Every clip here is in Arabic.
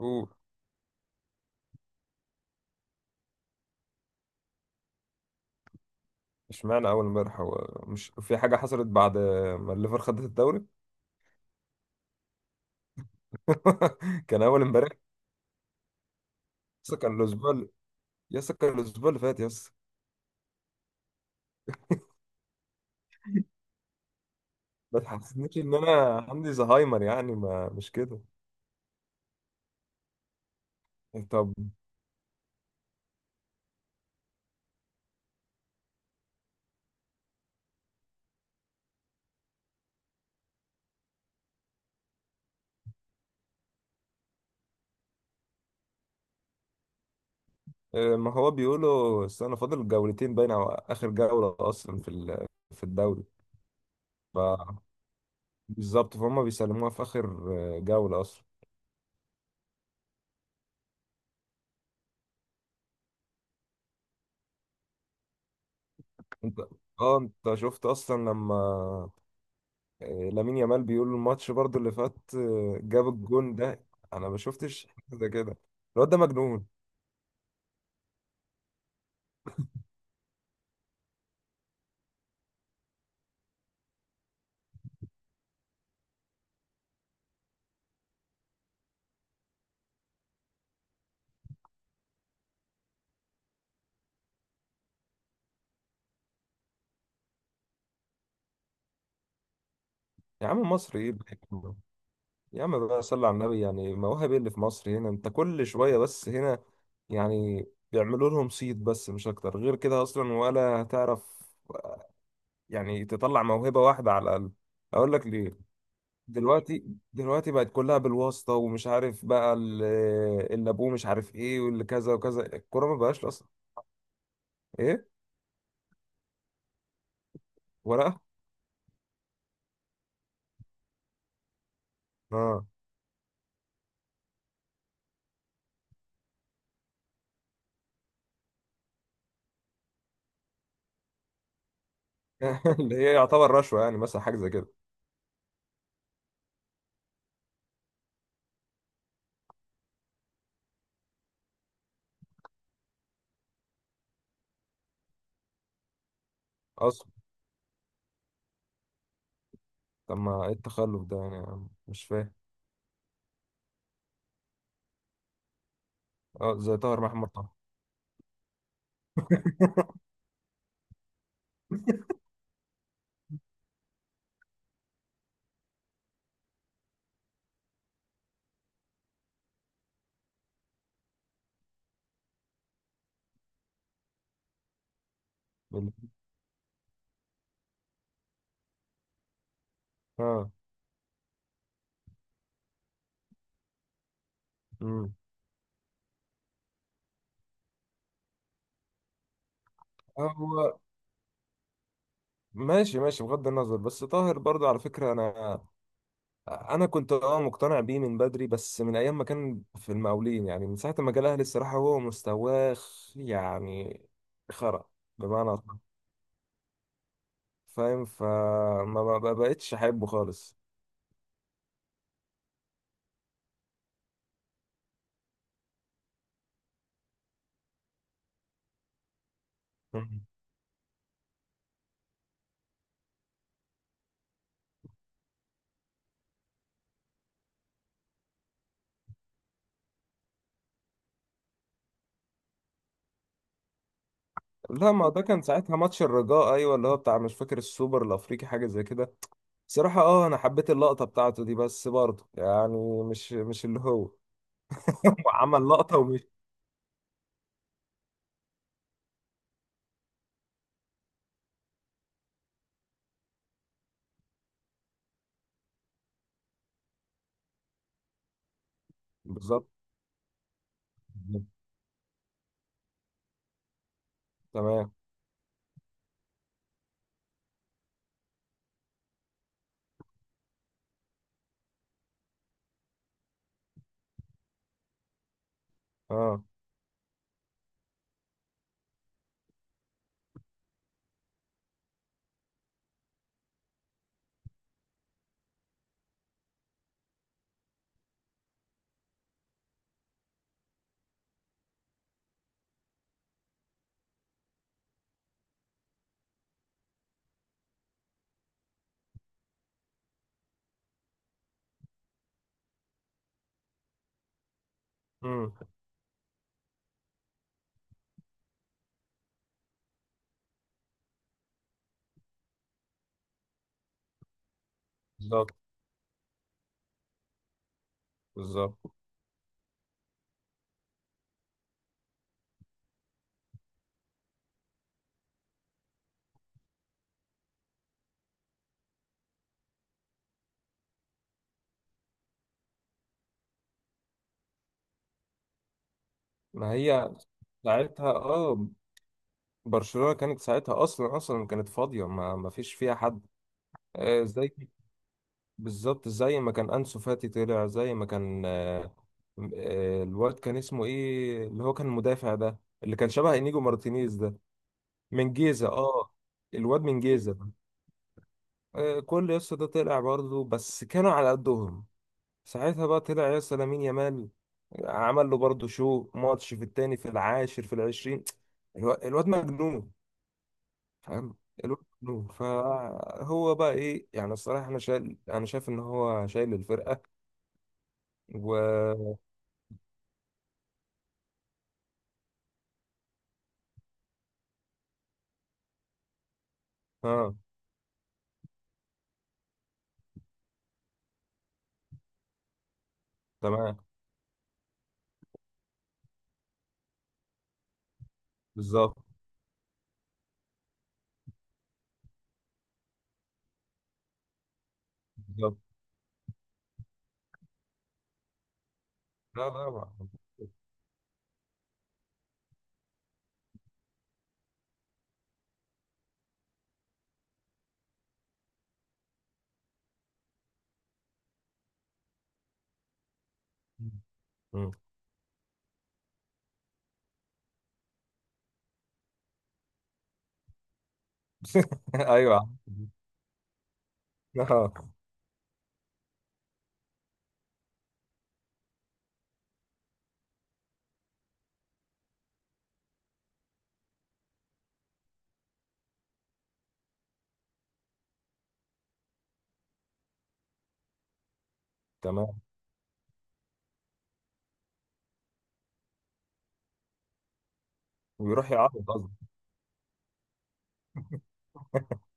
اوه. اشمعنى اول امبارح؟ هو مش في حاجه حصلت بعد ما الليفر خدت الدوري. كان اول امبارح. يس كان يس كان الاسبوع اللي فات، يس. ما تحسسنيش ان انا عندي زهايمر يعني، ما مش كده. إيه، طب. ما هو بيقولوا استنى، فاضل جولتين باين او اخر جوله اصلا في في الدوري. ف بالظبط، فهم بيسلموها في اخر جوله اصلا. انت اه انت شفت اصلا لما لامين يامال، بيقول الماتش برضو اللي فات جاب الجون ده. انا ما شفتش حاجة زي كده، الواد ده مجنون. يا عم مصر ايه اللي بيعمله؟ يا عم بقى صلي على النبي يعني، مواهب ايه اللي في مصر؟ هنا انت كل شوية، بس هنا يعني بيعملوا لهم صيد بس، مش اكتر غير كده، اصلا ولا هتعرف يعني تطلع موهبة واحدة على الاقل. اقول لك ليه. دلوقتي دلوقتي بقت كلها بالواسطة، ومش عارف بقى اللي ابوه مش عارف ايه، واللي كذا وكذا، الكورة ما بقاش اصلا. ايه؟ ورقة؟ اه. اللي هي يعتبر رشوة يعني، مثلا حاجة زي كده. أصلا طب ما إيه التخلف ده يعني يا عم؟ مش فاهم. أه زي طاهر محمد طه. بال- أه. أمم. هو ماشي ماشي، بغض النظر، بس طاهر برضه على فكرة أنا كنت أه مقتنع بيه من بدري، بس من أيام ما كان في المقاولين، يعني من ساعة ما جه الأهلي الصراحة هو مستواه يعني خرا، بمعنى أصح. فاهم، ما بقتش أحبه خالص. لا ما ده كان ساعتها ماتش الرجاء، ايوه اللي هو بتاع مش فاكر السوبر الافريقي، حاجه زي كده. صراحه اه انا حبيت اللقطه بتاعته دي، بس برضه يعني مش مش اللي هو. هو عمل لقطه ومش. بالظبط. تمام. اه. امم. بالظبط. بالظبط. ما هي ساعتها اه برشلونه كانت ساعتها اصلا اصلا كانت فاضيه، ما فيش فيها حد. آه، ازاي. بالظبط زي ما كان أنسو فاتي طلع، زي ما كان آه، الواد كان اسمه ايه اللي هو كان المدافع ده اللي كان شبه انيجو مارتينيز ده، من جيزة اه. الواد من جيزة. آه، كل يسطا ده طلع برضه، بس كانوا على قدهم. ساعتها بقى طلع يسطا لامين يامال، عمل له برضه شو ماتش في التاني في العاشر في العشرين. الواد مجنون، فاهم؟ الواد مجنون فهو بقى ايه يعني، الصراحة انا شايل انا شايف ان هو شايل الفرقة. اه. تمام. بالظبط. بالظبط. لا طبعا. مم. ايوه. اه. تمام. ويروح يعرض، قصدي.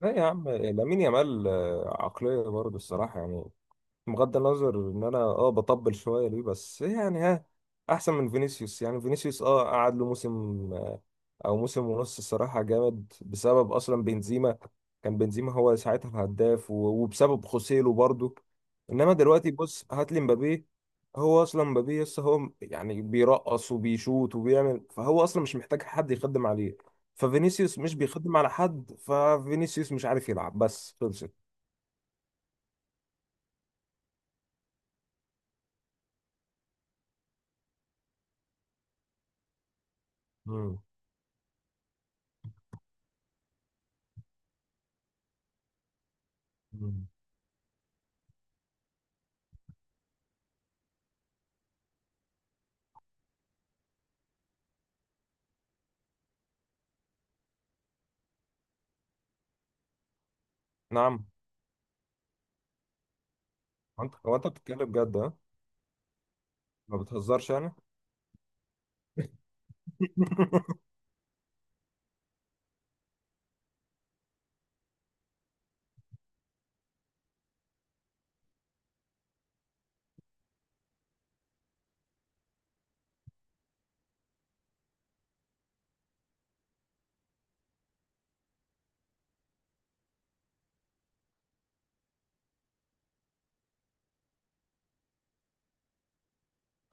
لا يا عم لامين يامال آه، عقلية برضه الصراحة يعني، بغض النظر ان انا اه بطبل شوية ليه، بس يعني ها احسن من فينيسيوس. يعني فينيسيوس اه قعد له موسم آه، او موسم ونص الصراحه جامد، بسبب اصلا بنزيما، كان بنزيما هو ساعتها الهداف، وبسبب خوسيلو برضو. انما دلوقتي بص هات لي مبابي، هو اصلا مبابي لسه هو يعني بيرقص وبيشوط وبيعمل، فهو اصلا مش محتاج حد يخدم عليه. ففينيسيوس مش بيخدم على حد، ففينيسيوس مش عارف يلعب بس، خلصت. مم. مم. نعم. هو انت بتتكلم جد، ها؟ ما بتهزرش يعني.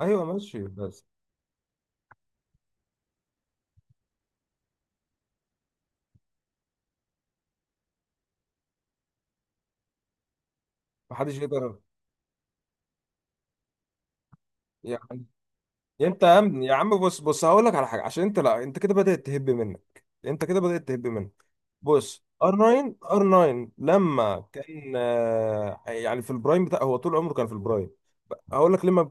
ايوه ماشي بس. محدش يقدر يعني. انت يا عم، يا عم بص، بص هقول لك على حاجه عشان انت، لا انت كده بدات تهب منك، انت كده بدات تهب منك. بص، ار 9 ار 9 لما كان آه، يعني في البرايم بتاع، هو طول عمره كان في البرايم. هقول لك لما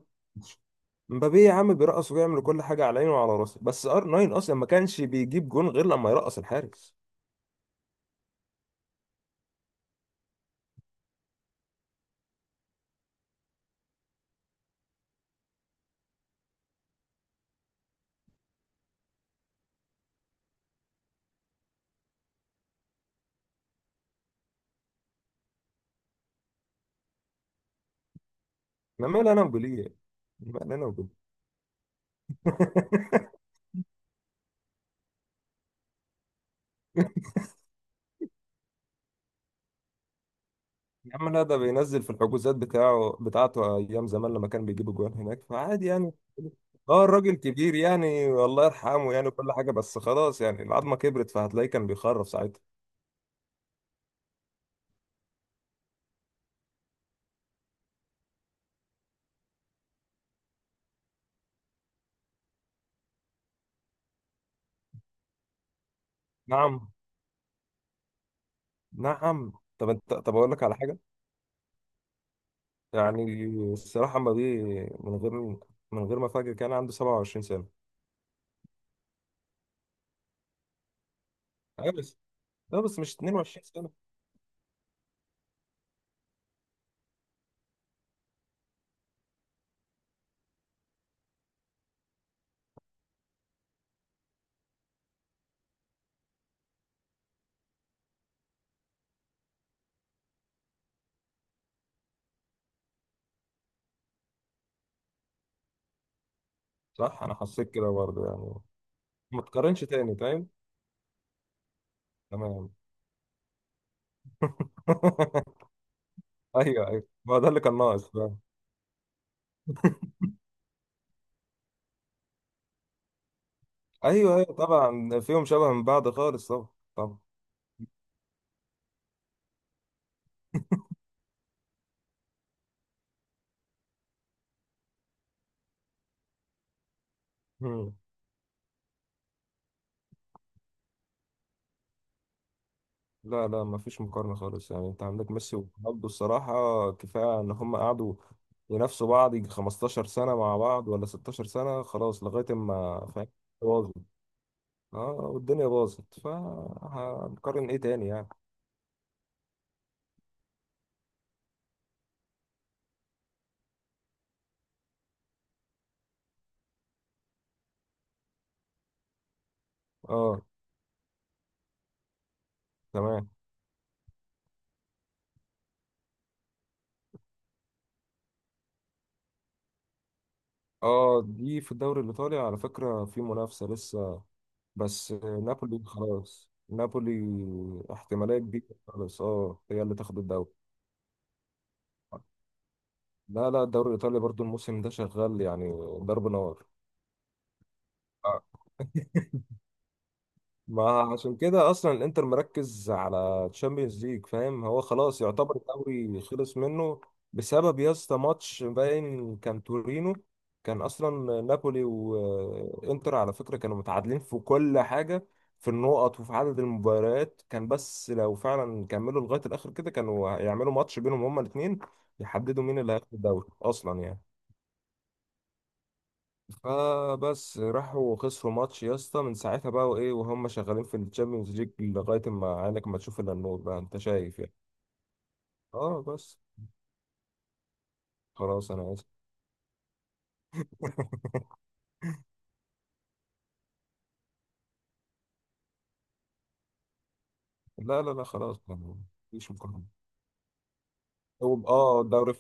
مبابي يا عم بيرقص وبيعمل كل حاجه على عينه وعلى راسه، بس ار 9 اصلا ما كانش بيجيب جون غير لما يرقص الحارس. ما مال انا وبيليه؟ ما مال انا وبيليه؟ يا عم لا، ده بينزل في الحجوزات بتاعه بتاعته ايام زمان لما كان بيجيب جوان هناك، فعادي يعني. اه الراجل كبير يعني، الله يرحمه يعني كل حاجه، بس خلاص يعني العظمه كبرت، فهتلاقيه كان بيخرف ساعتها. نعم. نعم طب انت، طب اقول لك على حاجه يعني، الصراحه ما دي من غير، من غير ما فاكر كان عنده 27 سنه. ايوه بس، لا بس مش 22 سنه. صح انا حسيت كده برضه يعني. ما تقارنش تاني، فاهم؟ تمام. ايوه ايوه ما هو ده اللي كان ناقص. ايوه ايوه طبعا فيهم شبه من بعض خالص، طبعا. طبعا. مم. لا لا ما فيش مقارنه خالص يعني، انت عندك ميسي ورونالدو الصراحه. كفايه ان هم قعدوا ينافسوا بعض يجي 15 سنه مع بعض، ولا 16 سنه، خلاص لغايه ما، فاهم. باظت. اه والدنيا باظت، فهنقارن ايه تاني يعني. اه. تمام. اه دي في الدوري الايطالي على فكره في منافسه لسه، بس نابولي خلاص، نابولي احتماليه كبيره خلاص، اه هي اللي تاخد الدوري. لا لا، الدوري الإيطالي برضو الموسم ده شغال يعني، ضرب نار. آه. ما عشان كده اصلا الانتر مركز على تشامبيونز ليج، فاهم؟ هو خلاص يعتبر الدوري خلص منه، بسبب يا اسطى ماتش باين كان تورينو. كان اصلا نابولي وانتر على فكره كانوا متعادلين في كل حاجه، في النقط وفي عدد المباريات كان، بس لو فعلا كملوا لغايه الاخر كده كانوا هيعملوا ماتش بينهم هما الاثنين يحددوا مين اللي هياخد الدوري اصلا يعني. فبس راحوا خسروا ماتش يا اسطى، من ساعتها بقى وايه، وهم شغالين في الشامبيونز ليج لغايه ما عينك ما تشوف الا النور بقى، انت شايف يعني. اه بس. خلاص انا اسف. لا لا لا خلاص مفيش مقارنه. هو اه دوري،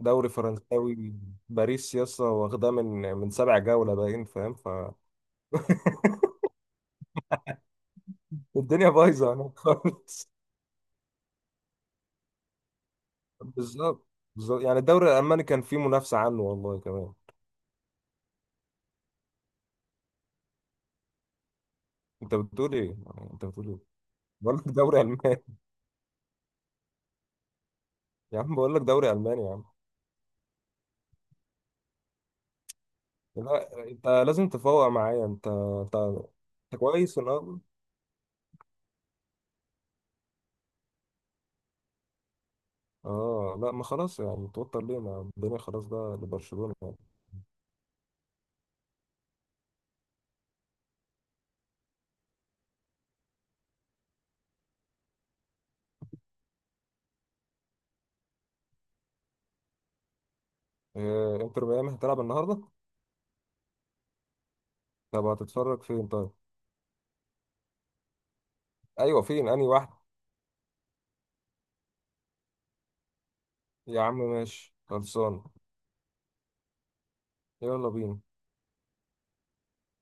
دوري فرنساوي، باريس يا اسطى واخداه من، من سبع جوله باين، فاهم؟ فالدنيا بايظه هناك خالص. بالظبط. بالظبط يعني الدوري الالماني كان فيه منافسه عنه والله كمان. انت بتقول ايه يعني، انت بتقول ايه، بقول لك دوري الماني. يا عم بقول لك دوري الماني يا عم. لا انت لازم تفوق معايا، انت انت كويس الأول. اه لا ما خلاص يعني توتر ليه، ما الدنيا خلاص بقى لبرشلونة يعني. إيه؟ انتر ميامي هتلعب النهاردة؟ طب هتتفرج فين طيب؟ ايوه فين، انهي واحد؟ يا عم ماشي خلصان، يلا بينا.